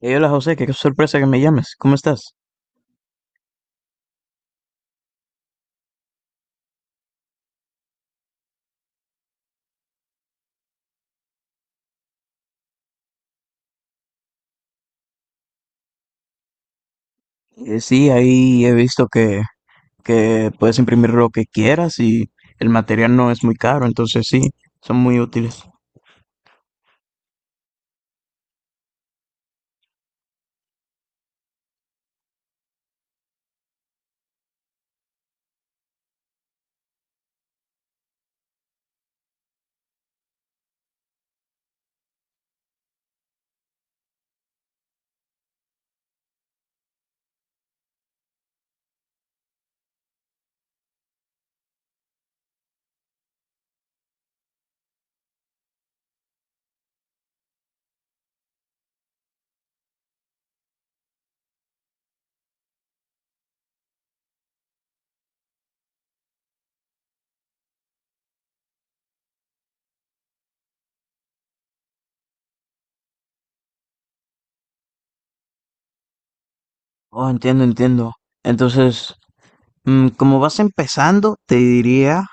Hey, hola José, qué sorpresa que me llames. ¿Cómo estás? Sí, ahí he visto que puedes imprimir lo que quieras y el material no es muy caro, entonces sí, son muy útiles. Oh, entiendo, entiendo. Entonces, como vas empezando, te diría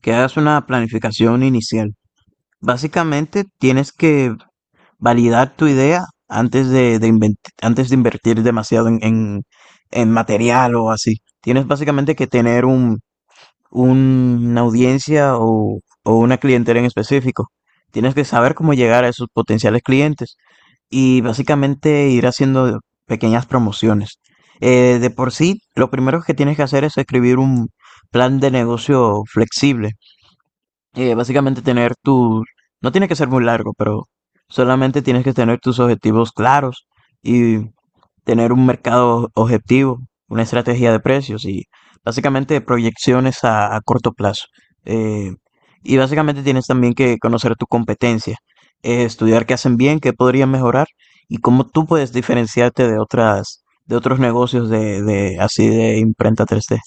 que hagas una planificación inicial. Básicamente, tienes que validar tu idea antes de antes de invertir demasiado en en material o así. Tienes básicamente que tener una audiencia o una clientela en específico. Tienes que saber cómo llegar a esos potenciales clientes y básicamente ir haciendo pequeñas promociones. De por sí, lo primero que tienes que hacer es escribir un plan de negocio flexible, básicamente tener tu, no tiene que ser muy largo, pero solamente tienes que tener tus objetivos claros y tener un mercado objetivo, una estrategia de precios y básicamente proyecciones a corto plazo. Eh, y básicamente tienes también que conocer tu competencia, estudiar qué hacen bien, qué podrían mejorar y cómo tú puedes diferenciarte de otras, de otros negocios de así de imprenta tres d.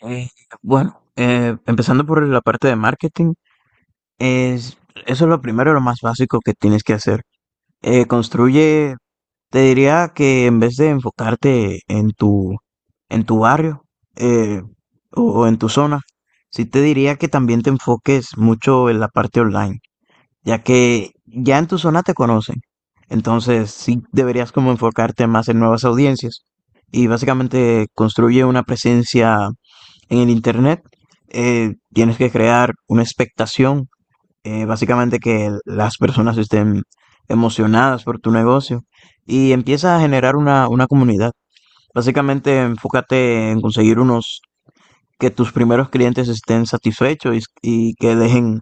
Eh, bueno, Empezando por la parte de marketing, es, eso es lo primero, lo más básico que tienes que hacer. Construye, te diría que en vez de enfocarte en tu barrio, eh, o en tu zona, sí te diría que también te enfoques mucho en la parte online, ya que ya en tu zona te conocen. Entonces sí deberías como enfocarte más en nuevas audiencias y básicamente construye una presencia en el internet. Tienes que crear una expectación, básicamente que las personas estén emocionadas por tu negocio y empieza a generar una comunidad. Básicamente enfócate en conseguir unos, que tus primeros clientes estén satisfechos y que dejen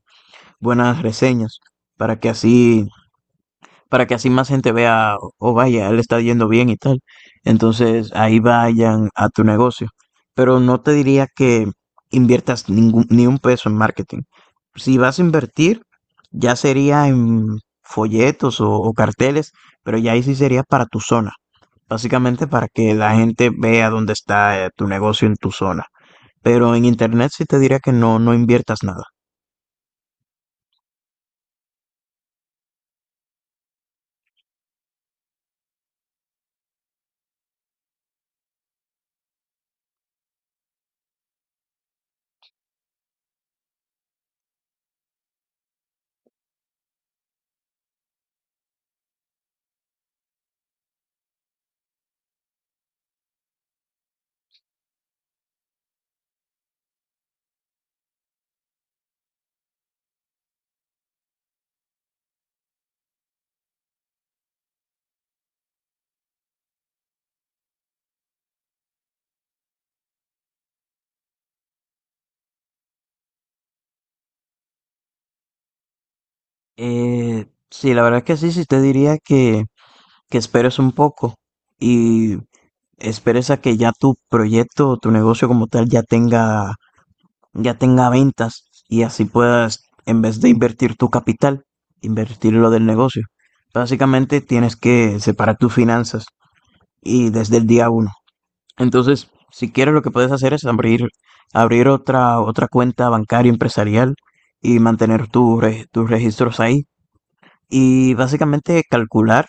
buenas reseñas para que así, para que así más gente vea, oh vaya, él está yendo bien y tal. Entonces ahí vayan a tu negocio. Pero no te diría que inviertas ningún, ni un peso en marketing. Si vas a invertir, ya sería en folletos o carteles, pero ya ahí sí sería para tu zona. Básicamente para que la gente vea dónde está, tu negocio en tu zona. Pero en internet sí te diría que no, no inviertas nada. Sí, la verdad es que sí, sí te diría que esperes un poco y esperes a que ya tu proyecto o tu negocio como tal ya tenga ventas y así puedas, en vez de invertir tu capital, invertir lo del negocio. Básicamente tienes que separar tus finanzas y desde el día uno. Entonces, si quieres lo que puedes hacer es abrir, abrir otra, otra cuenta bancaria empresarial y mantener tus registros ahí y básicamente calcular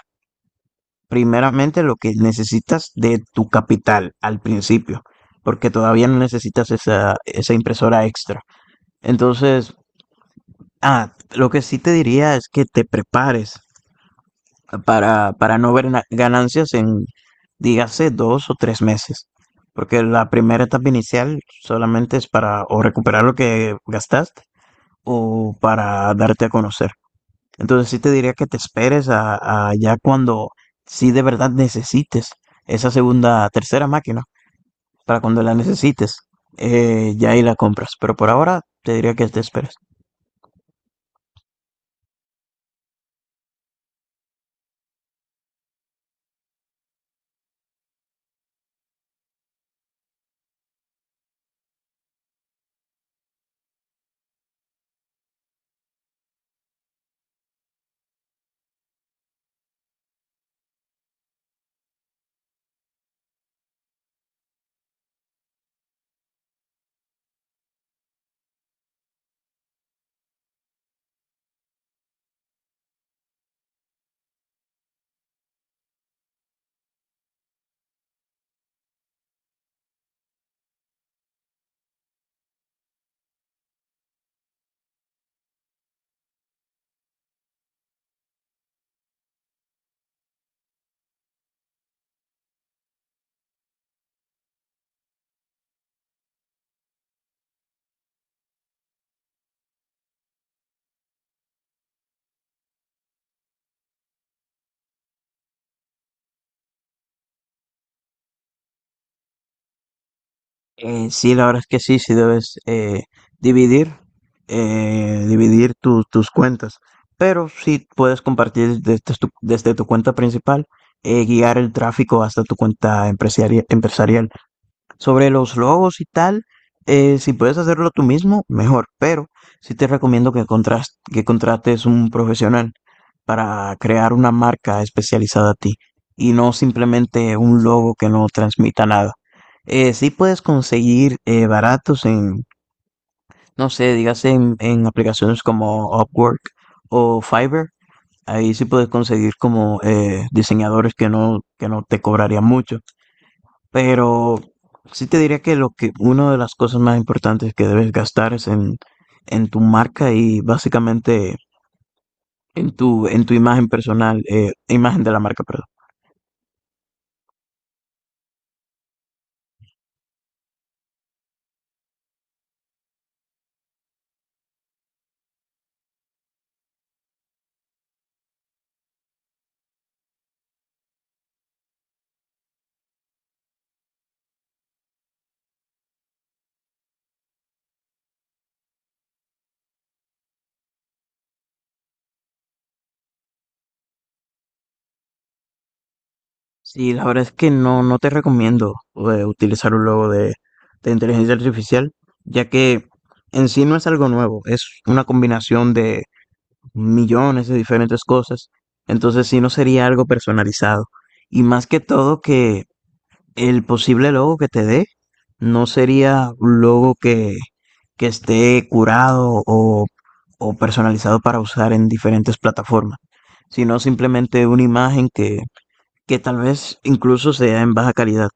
primeramente lo que necesitas de tu capital al principio, porque todavía no necesitas esa, esa impresora extra. Entonces, lo que sí te diría es que te prepares para no ver ganancias en, dígase, dos o tres meses, porque la primera etapa inicial solamente es para o recuperar lo que gastaste o para darte a conocer. Entonces sí te diría que te esperes a ya cuando sí de verdad necesites esa segunda, tercera máquina, para cuando la necesites, ya ahí la compras. Pero por ahora te diría que te esperes. Sí, la verdad es que sí, sí debes, dividir, dividir tus cuentas. Pero sí puedes compartir desde tu cuenta principal, guiar el tráfico hasta tu cuenta empresarial. Sobre los logos y tal, si puedes hacerlo tú mismo, mejor, pero sí te recomiendo que contrates un profesional para crear una marca especializada a ti y no simplemente un logo que no transmita nada. Sí puedes conseguir, baratos en, no sé, dígase en aplicaciones como Upwork o Fiverr. Ahí sí puedes conseguir como, diseñadores que no te cobrarían mucho. Pero sí te diría que lo que una de las cosas más importantes que debes gastar es en tu marca y básicamente en tu imagen personal, imagen de la marca, perdón. Sí, la verdad es que no, no te recomiendo, utilizar un logo de inteligencia artificial, ya que en sí no es algo nuevo, es una combinación de millones de diferentes cosas. Entonces sí no sería algo personalizado. Y más que todo que el posible logo que te dé no sería un logo que esté curado o personalizado para usar en diferentes plataformas, sino simplemente una imagen que tal vez incluso sea en baja calidad.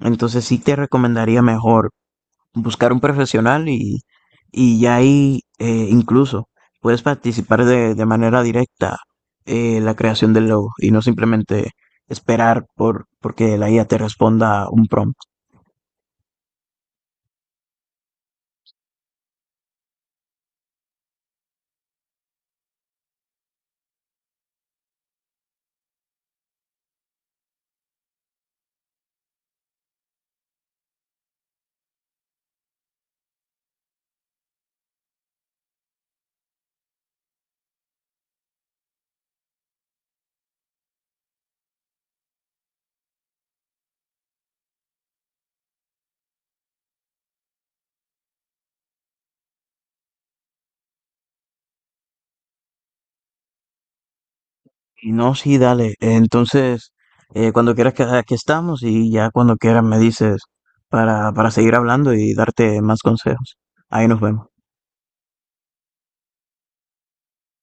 Entonces sí te recomendaría mejor buscar un profesional y ya ahí, incluso puedes participar de manera directa, la creación del logo y no simplemente esperar por porque la IA te responda un prompt. Y no, sí, dale. Entonces, cuando quieras que aquí estamos y ya cuando quieras me dices para seguir hablando y darte más consejos. Ahí nos vemos.